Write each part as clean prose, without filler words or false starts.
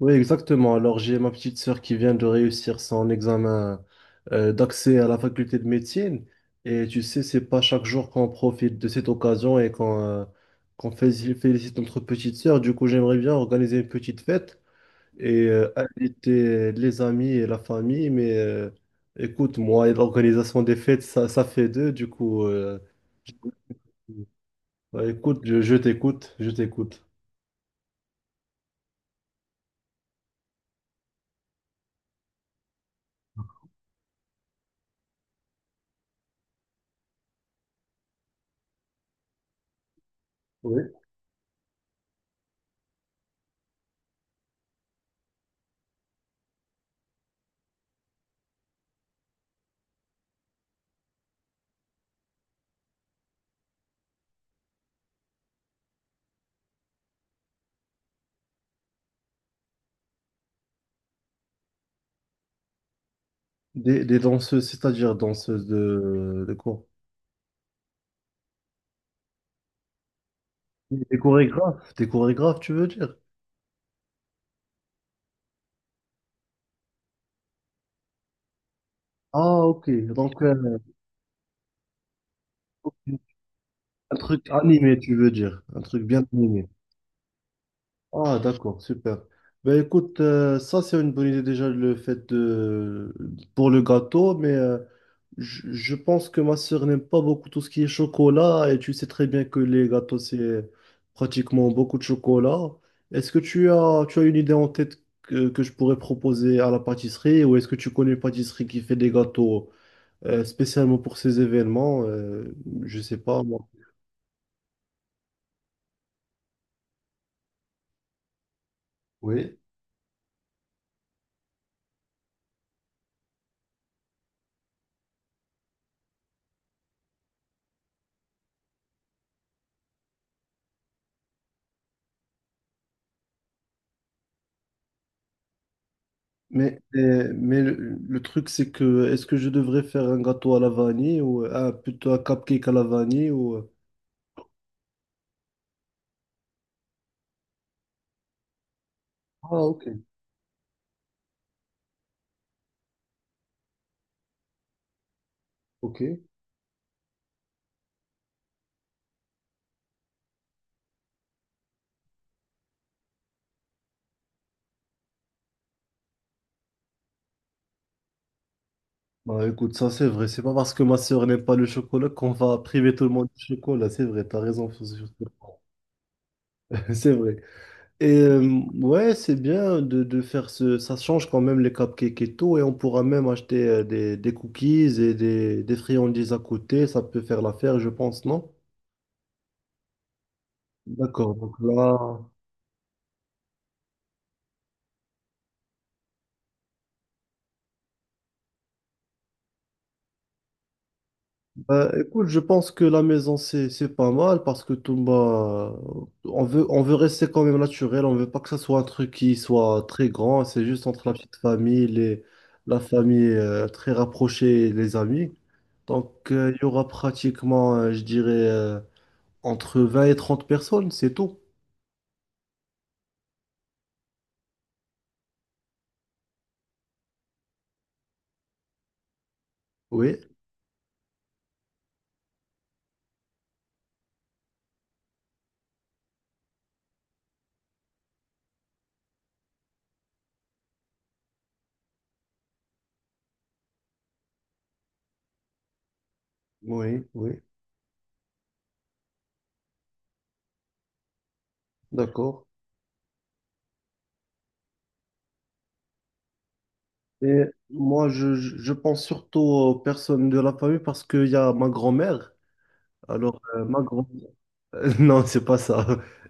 Oui, exactement. Alors, j'ai ma petite sœur qui vient de réussir son examen d'accès à la faculté de médecine. Et tu sais, c'est pas chaque jour qu'on profite de cette occasion et qu'on félicite notre petite sœur. Du coup, j'aimerais bien organiser une petite fête et inviter les amis et la famille. Mais écoute, moi et l'organisation des fêtes, ça fait deux. Du coup, bah, écoute, je t'écoute, je t'écoute. Oui. Des danseuses, c'est-à-dire danseuses de quoi? Des chorégraphes, tu veux dire? Ah, ok. Donc, ok. Un truc animé, tu veux dire? Un truc bien animé. Ah, d'accord, super. Ben écoute, ça c'est une bonne idée déjà le fait de pour le gâteau, mais je pense que ma sœur n'aime pas beaucoup tout ce qui est chocolat et tu sais très bien que les gâteaux c'est pratiquement beaucoup de chocolat. Est-ce que tu as une idée en tête que je pourrais proposer à la pâtisserie ou est-ce que tu connais une pâtisserie qui fait des gâteaux? Spécialement pour ces événements, je sais pas moi. Oui. Mais, le truc, c'est que est-ce que je devrais faire un gâteau à la vanille ou un, plutôt un cupcake à la vanille ou... Ah, ok. Ok. Bah écoute, ça c'est vrai, c'est pas parce que ma sœur n'aime pas le chocolat qu'on va priver tout le monde du chocolat, c'est vrai, t'as raison ce point. C'est vrai. Et ouais, c'est bien de faire ce. Ça change quand même les cupcakes et tout. Et on pourra même acheter des cookies et des friandises à côté. Ça peut faire l'affaire, je pense, non? D'accord. Donc là, bah, écoute, je pense que la maison, c'est pas mal parce que tout, bah, on veut rester quand même naturel. On veut pas que ça soit un truc qui soit très grand. C'est juste entre la petite famille, les, la famille très rapprochée et les amis. Donc, il y aura pratiquement, je dirais. Entre 20 et 30 personnes, c'est tout. Oui, oui, oui, d'accord. Et moi, je pense surtout aux personnes de la famille parce qu'il y a ma grand-mère. Alors, ma grand Non, c'est pas ça.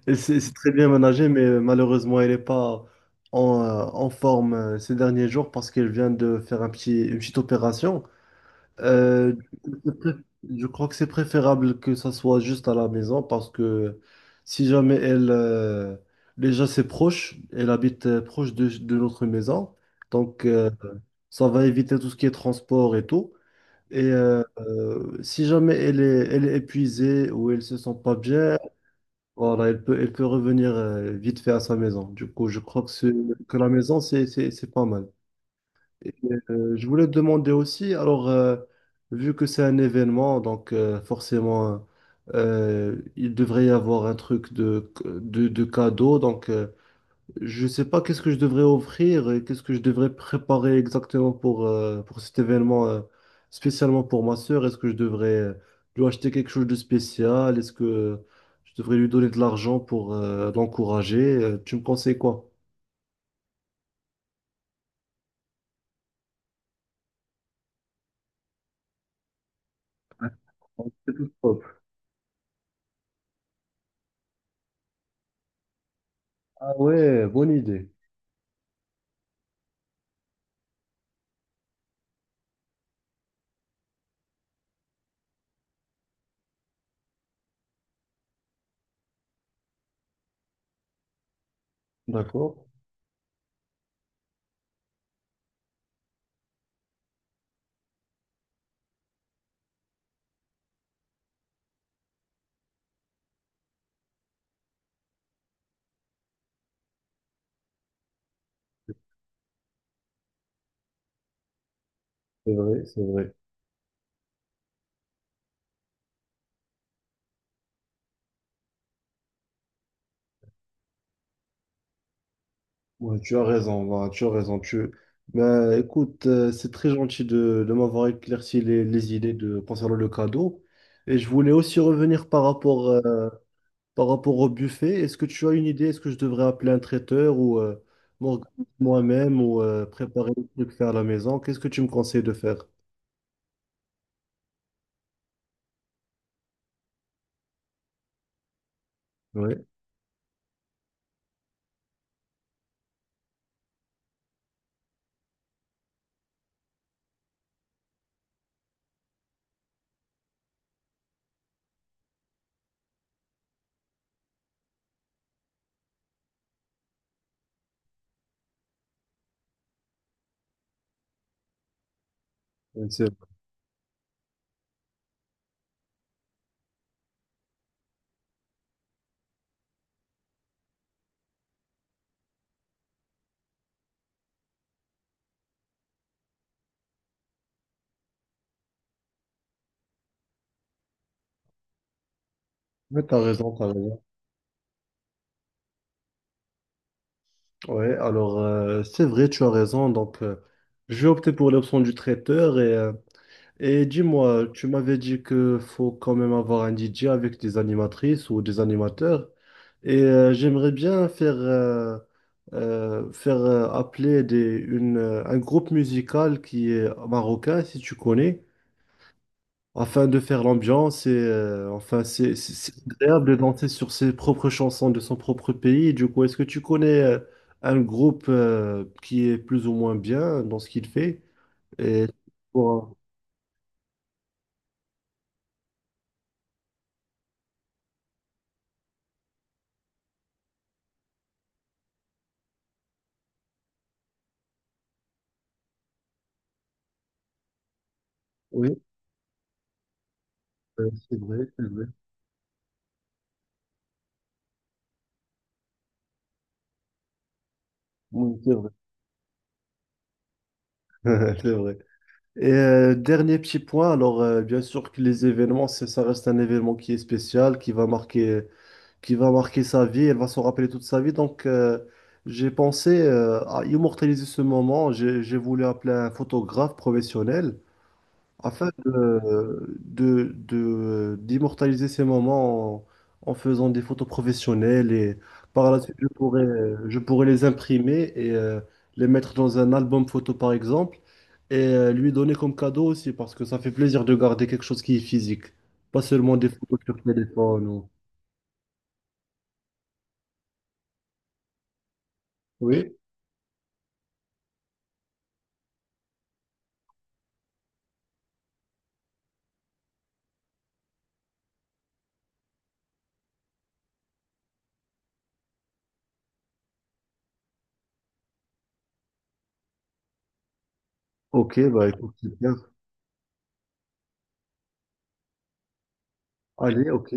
Elle s'est c'est très bien ménagée, mais malheureusement, elle n'est pas en, en forme ces derniers jours parce qu'elle vient de faire un petit, une petite opération. Euh, je pré- je crois que c'est préférable que ça soit juste à la maison parce que si jamais elle, déjà c'est proche, elle habite proche de notre maison, donc ça va éviter tout ce qui est transport et tout. Et si jamais elle est épuisée ou elle se sent pas bien, voilà, elle peut revenir vite fait à sa maison. Du coup, je crois que la maison, c'est pas mal. Et, je voulais te demander aussi, alors, vu que c'est un événement, donc forcément, il devrait y avoir un truc de cadeau. Donc, je sais pas qu'est-ce que je devrais offrir et qu'est-ce que je devrais préparer exactement pour cet événement, spécialement pour ma sœur. Est-ce que je devrais lui acheter quelque chose de spécial? Est-ce que je devrais lui donner de l'argent pour l'encourager? Tu me conseilles quoi? D'accord, c'est tout propre. Ah ouais, bonne idée. D'accord. C'est vrai, c'est vrai. Ouais, tu as raison, Laura, tu as raison. Tu... Ben, écoute, c'est très gentil de m'avoir éclairci les idées de, concernant le cadeau. Et je voulais aussi revenir par rapport au buffet. Est-ce que tu as une idée? Est-ce que je devrais appeler un traiteur ou m'organiser moi-même ou préparer le truc faire à la maison? Qu'est-ce que tu me conseilles de faire? Oui, c'est vrai. T'as raison, t'as raison. Ouais, alors c'est vrai, tu as raison. Donc, je vais opter pour l'option du traiteur et et dis-moi, tu m'avais dit que faut quand même avoir un DJ avec des animatrices ou des animateurs. Et j'aimerais bien faire, faire appeler un groupe musical qui est marocain, si tu connais, afin de faire l'ambiance. Et enfin, c'est agréable de danser sur ses propres chansons de son propre pays. Du coup, est-ce que tu connais un groupe qui est plus ou moins bien dans ce qu'il fait? Et pour- oui, c'est vrai. Oui, c'est vrai. C'est vrai. Et dernier petit point, alors bien sûr que les événements, ça reste un événement qui est spécial, qui va marquer sa vie, elle va se rappeler toute sa vie. Donc j'ai pensé à immortaliser ce moment. J'ai voulu appeler un photographe professionnel afin de, d'immortaliser ces moments en, en faisant des photos professionnelles et par la suite je pourrais les imprimer et les mettre dans un album photo par exemple. Et lui donner comme cadeau aussi parce que ça fait plaisir de garder quelque chose qui est physique, pas seulement des photos sur téléphone ou... Oui, ok, bah écoute, super. Allez, ok,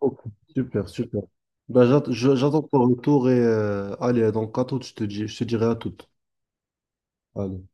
ok, super, super. Bah, j'attends ton retour et allez, donc à toute, je te dis, je te dirai à toute. Allez.